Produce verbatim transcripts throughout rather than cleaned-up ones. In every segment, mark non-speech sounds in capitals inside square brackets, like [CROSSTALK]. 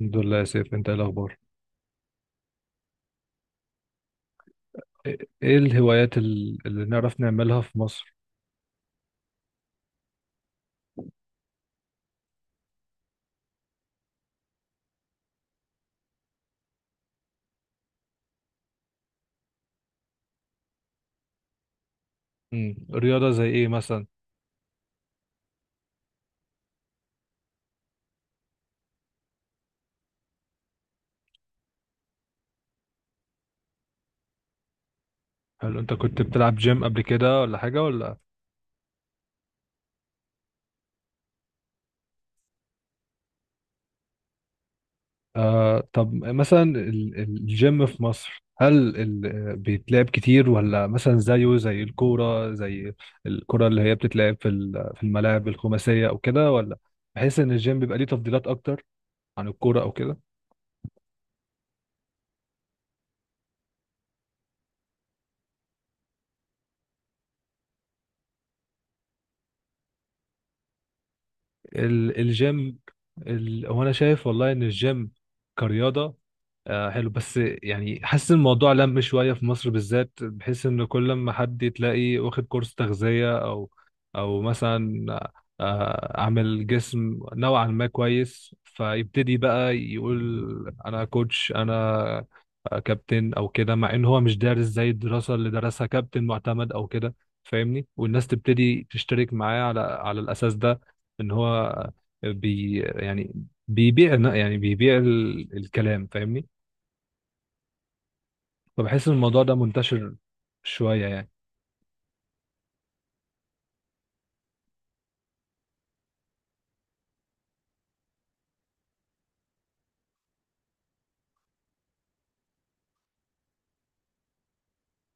الحمد لله يا سيف، انت ايه الاخبار؟ ايه ايه الهوايات ال- اللي نعرف نعملها في مصر؟ امم رياضة زي ايه مثلا؟ هل انت كنت بتلعب جيم قبل كده ولا حاجة ولا؟ آه، طب مثلا ال- ال- الجيم في مصر، هل ال- آه، بيتلعب كتير ولا مثلا زيه زي الكورة، زي الكرة اللي هي بتتلعب في ال- في الملاعب الخماسية او كده، ولا بحيث ان الجيم بيبقى ليه تفضيلات اكتر عن الكورة او كده؟ ال- الجيم ال... هو انا شايف والله ان الجيم كرياضه آه حلو، بس يعني حاسس الموضوع لم شويه في مصر بالذات، بحيث ان كل ما حد تلاقي واخد كورس تغذيه او او مثلا آه عامل جسم نوعا ما كويس، فيبتدي بقى يقول انا كوتش، انا كابتن او كده، مع ان هو مش دارس زي الدراسه اللي درسها كابتن معتمد او كده، فاهمني؟ والناس تبتدي تشترك معاه على على الاساس ده، ان هو بي يعني بيبيع يعني بيبيع ال- الكلام فاهمني. فبحس ان الموضوع ده منتشر شوية يعني.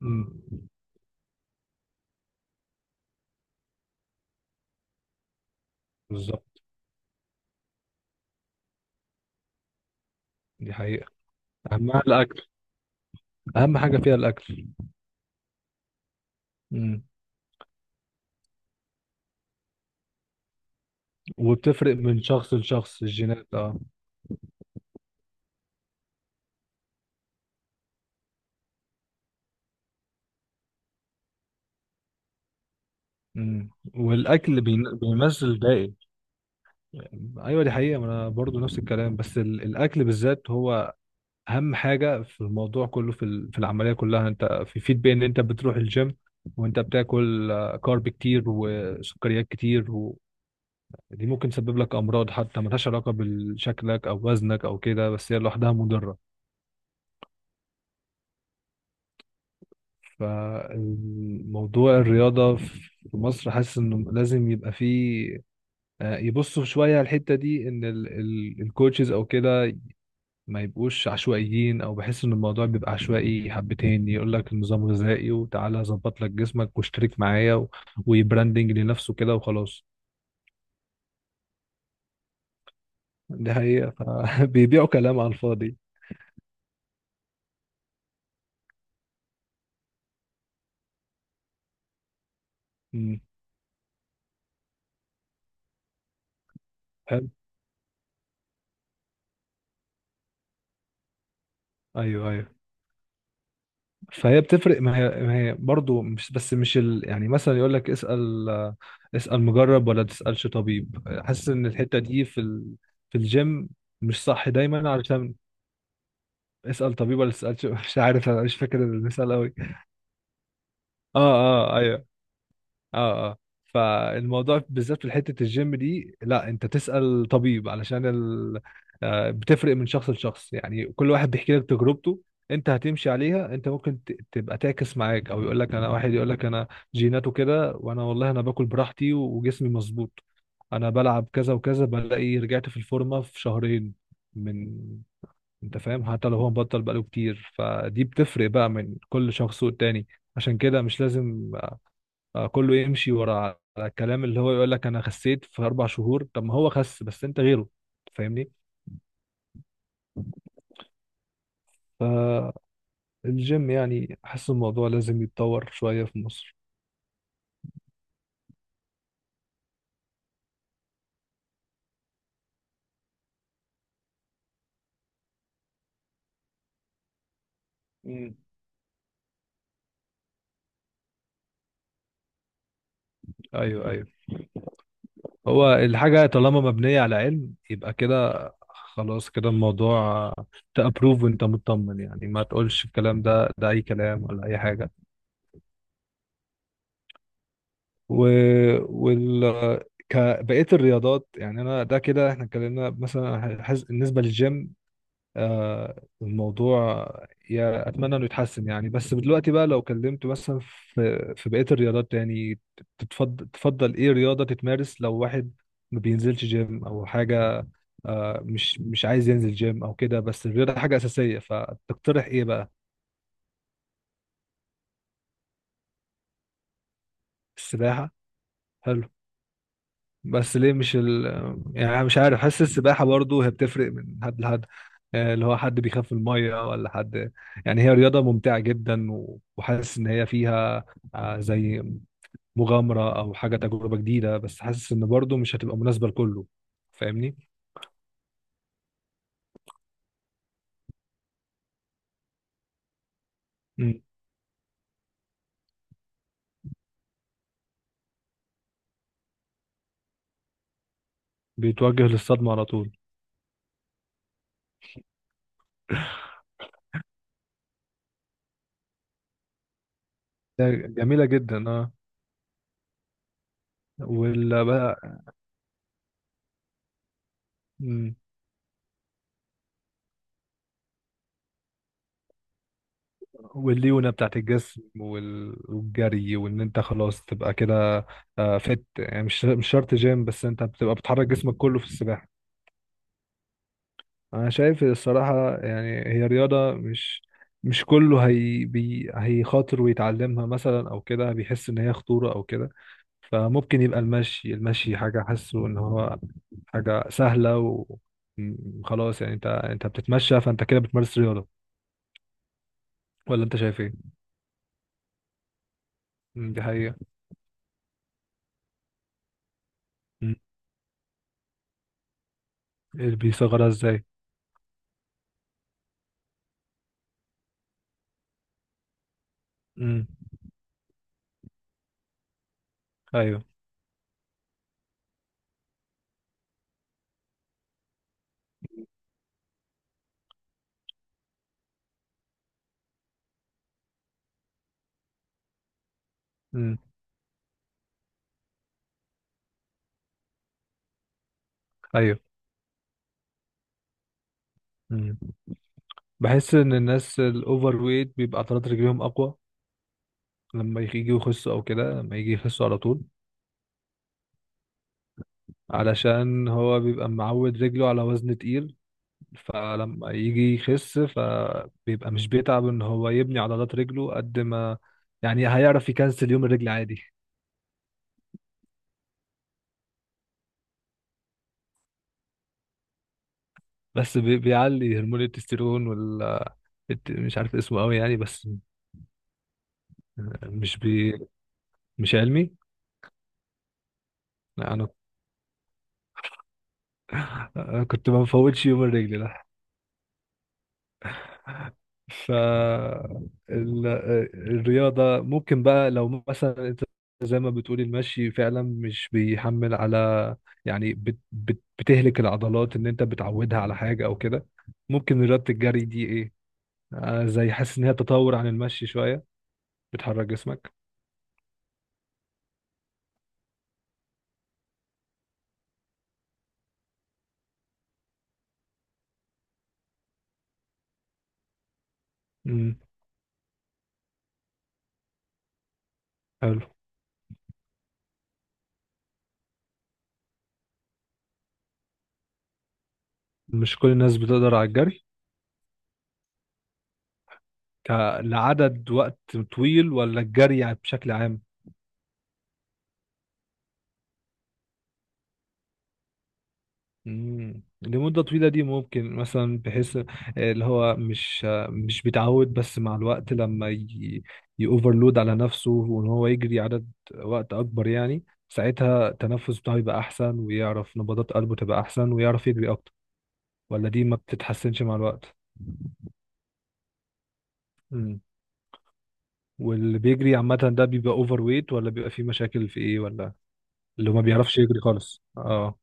مم. بالظبط، دي حقيقة. أهمها الأكل، أهم حاجة فيها الأكل. مم. وبتفرق من شخص لشخص الجينات، اه. مم. والأكل بين- بيمثل الباقي. أيوة، دي حقيقة. ما أنا برضو نفس الكلام، بس ال- الأكل بالذات هو اهم حاجه في الموضوع كله، في ال- في العمليه كلها. انت في فيد بين ان انت بتروح الجيم وانت بتاكل آه كارب كتير وسكريات كتير، ودي ممكن تسبب لك امراض حتى ملهاش علاقه بشكلك او وزنك او كده، بس هي لوحدها مضره. فالموضوع الرياضه في مصر، حاسس انه لازم يبقى فيه آه يبصوا شويه على الحته دي، ان الكوتشز او كده ما يبقوش عشوائيين، او بحس ان الموضوع بيبقى عشوائي حبتين، يقول لك نظام غذائي وتعالى اظبط لك جسمك واشترك معايا و... ويبراندنج لنفسه كده وخلاص. دي حقيقة. فبيبيعوا [LAUGHS] كلام على الفاضي. امم. حلو. ايوه، ايوه، فهي بتفرق. ما هي, ما هي برضه، مش بس مش ال... يعني مثلا يقول لك اسأل اسأل مجرب ولا تسألش طبيب. حاسس ان الحتة دي في ال... في الجيم مش صح دايما، علشان... اسأل طبيب ولا تسألش [LAUGHS] مش عارف، انا مش فاكر المثال قوي. اه اه، ايوه. اه اه. فالموضوع بالذات في حته الجيم دي، لا، انت تسال طبيب علشان ال... آه، بتفرق من شخص لشخص يعني، كل واحد بيحكي لك تجربته، انت هتمشي عليها؟ انت ممكن ت- تبقى تعكس معاك، او يقول لك انا، واحد يقول لك انا جيناته كده، وانا والله انا باكل براحتي وجسمي مظبوط، انا بلعب كذا وكذا، بلاقي رجعت في الفورمه في شهرين من... انت فاهم؟ حتى لو هو مبطل بقاله كتير، فدي بتفرق بقى من كل شخص والتاني. عشان كده مش لازم آه كله يمشي ورا على الكلام اللي هو يقول لك انا خسيت في اربع شهور، طب ما هو خس بس انت غيره فاهمني. فالجيم يعني احس الموضوع لازم يتطور شوية في مصر. مم. ايوه، ايوه. هو الحاجة طالما مبنية على علم يبقى كده، خلاص كده الموضوع تأبروف وانت مطمن يعني، ما تقولش الكلام ده ده اي كلام ولا اي حاجة. و... وال ك- بقية الرياضات يعني، انا ده كده احنا اتكلمنا مثلا حز... بالنسبة للجيم آه الموضوع، يا اتمنى انه يتحسن يعني. بس دلوقتي بقى لو كلمت مثلا في في بقيه الرياضات يعني، تتفضل تفضل ايه رياضه تتمارس لو واحد ما بينزلش جيم او حاجه، آه مش مش عايز ينزل جيم او كده، بس الرياضه حاجه اساسيه، فتقترح ايه بقى؟ السباحه. هل... بس ليه مش ال... يعني أنا مش عارف، حاسس السباحة برضو هي بتفرق من حد لحد، آه اللي هو حد بيخاف من المية ولا حد، يعني هي رياضة ممتعة جدا و- وحاسس إن هي فيها آه زي مغامرة أو حاجة تجربة جديدة، بس حاسس إن برضو مش هتبقى مناسبة لكله، فاهمني؟ مم. بيتوجه للصدمة على طول. ده جميلة جدا، اه. ولا بقى؟ مم. والليونه بتاعت الجسم وال- والجري، وان انت خلاص تبقى كده آه فت يعني مش مش شرط جيم، بس انت بتبقى بتحرك جسمك كله في السباحه. انا شايف الصراحه يعني هي رياضه مش، مش كله، هي بي هيخاطر ويتعلمها مثلا او كده، بيحس ان هي خطوره او كده. فممكن يبقى المشي، المشي حاجه حاسه ان هو حاجه سهله و م- خلاص يعني، انت انت بتتمشى فانت كده بتمارس رياضه. ولا انت شايف ايه؟ م، دي حقيقه. م، بيصغرها ازاي؟ م. ايوه. امم. ايوه. امم. بحس ان الناس الاوفر ويت بيبقى عضلات رجليهم اقوى، لما يجي يخسوا او كده، لما يجي يخسوا على طول. علشان هو بيبقى معود رجله على وزن تقيل، فلما يجي يخس فبيبقى مش بيتعب ان هو يبني عضلات رجله قد ما يعني، هيعرف يكنسل يوم الرجل عادي. بس بي- بيعلي هرمون التستيرون وال الت- مش عارف اسمه قوي يعني، بس مش بي... مش علمي. انا [LAUGHS] أنا كنت ما بفوتش يوم الرجل. ف ال- الرياضة ممكن بقى لو مثلا انت زي ما بتقولي المشي فعلا مش بيحمل على يعني، بت بت بتهلك العضلات ان انت بتعودها على حاجة او كده. ممكن رياضة الجري دي ايه، آه زي حاسس ان هي تطور عن المشي شوية، بتحرك جسمك. امم. حلو. مش كل الناس بتقدر على الجري ك- لعدد وقت طويل، ولا الجري يعني بشكل عام؟ مم. لمدة طويلة دي ممكن مثلا بحيث آه اللي هو مش، آه مش بيتعود، بس مع الوقت لما ي... يأوفرلود على نفسه وان هو يجري عدد وقت اكبر، يعني ساعتها التنفس بتاعه يبقى احسن، ويعرف نبضات قلبه تبقى احسن، ويعرف يجري اكتر. ولا دي ما بتتحسنش مع الوقت؟ مم. واللي بيجري عامة ده بيبقى اوفر ويت، ولا بيبقى فيه مشاكل في ايه ولا؟ اللي هو ما بيعرفش يجري خالص، اه.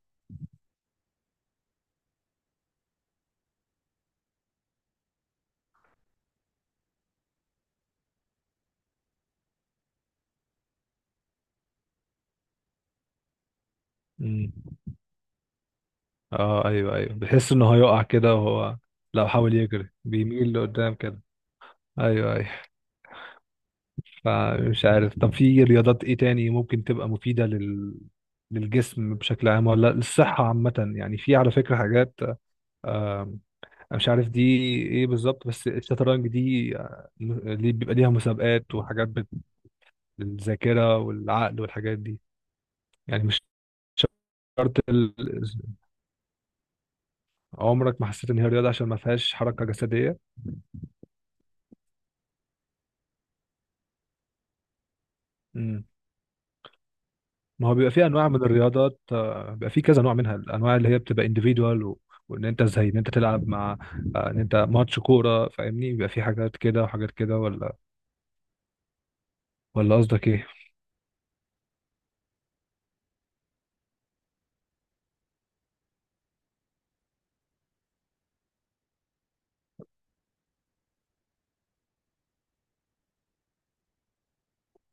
مم. اه، ايوه، ايوه، بيحس انه هيقع كده، وهو لو حاول يجري بيميل لقدام كده. ايوه، ايوه. فمش عارف، طب في رياضات ايه تاني ممكن تبقى مفيدة لل للجسم بشكل عام، ولا للصحة عامة يعني؟ في على فكرة حاجات، آم، أنا مش عارف دي ايه بالظبط، بس الشطرنج دي آه، ليه بيبقى ليها مسابقات وحاجات بت- للذاكرة والعقل والحاجات دي؟ يعني مش شرط ال- عمرك ما حسيت ان هي رياضة عشان ما فيهاش حركة جسدية؟ ما هو بيبقى فيه انواع من الرياضات آه، بيبقى فيه كذا نوع منها، الانواع اللي هي بتبقى individual و... وان انت زي ان انت تلعب مع آه ان انت ماتش كوره فاهمني، بيبقى فيه حاجات كده وحاجات كده، ولا ولا قصدك ايه؟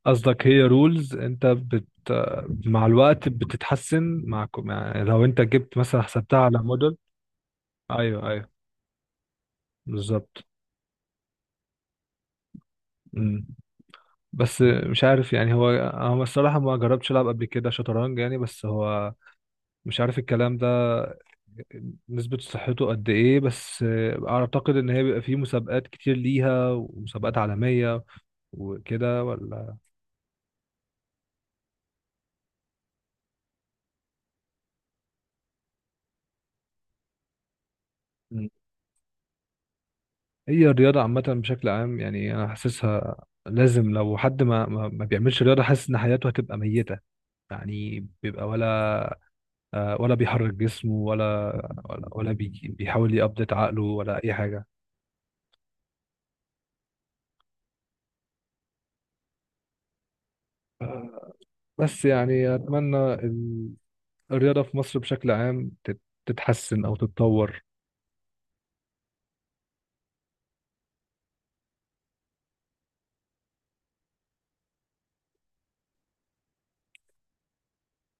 قصدك هي رولز، انت بت آه، مع الوقت بتتحسن مع كو- مع- لو انت جبت مثلا حسبتها على موديل. ايوه، ايوه. بالظبط. مم. بس مش عارف يعني، هو انا الصراحه ما جربتش العب قبل كده شطرنج يعني، بس هو مش عارف الكلام ده نسبة صحته قد إيه، بس آه أعتقد إن هي بيبقى فيه مسابقات كتير ليها ومسابقات عالمية وكده، ولا؟ مم. هي الرياضة عامة بشكل عام يعني أنا حاسسها لازم. لو حد ما ما ما بيعملش رياضة، حاسس إن حياته هتبقى ميتة يعني، بيبقى ولا آه ولا بيحرك جسمه، ولا ولا ولا بيجي- بيحاول يأبديت عقله، ولا أي حاجة. بس يعني أتمنى ال- الرياضة في مصر بشكل عام تت- تتحسن أو تتطور.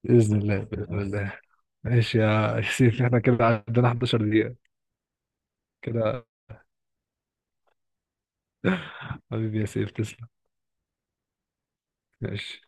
بإذن الله، بإذن الله. ماشي يا يا سيف، احنا كده عندنا 11 دقيقة كده. حبيبي يا سيف، تسلم. ماشي.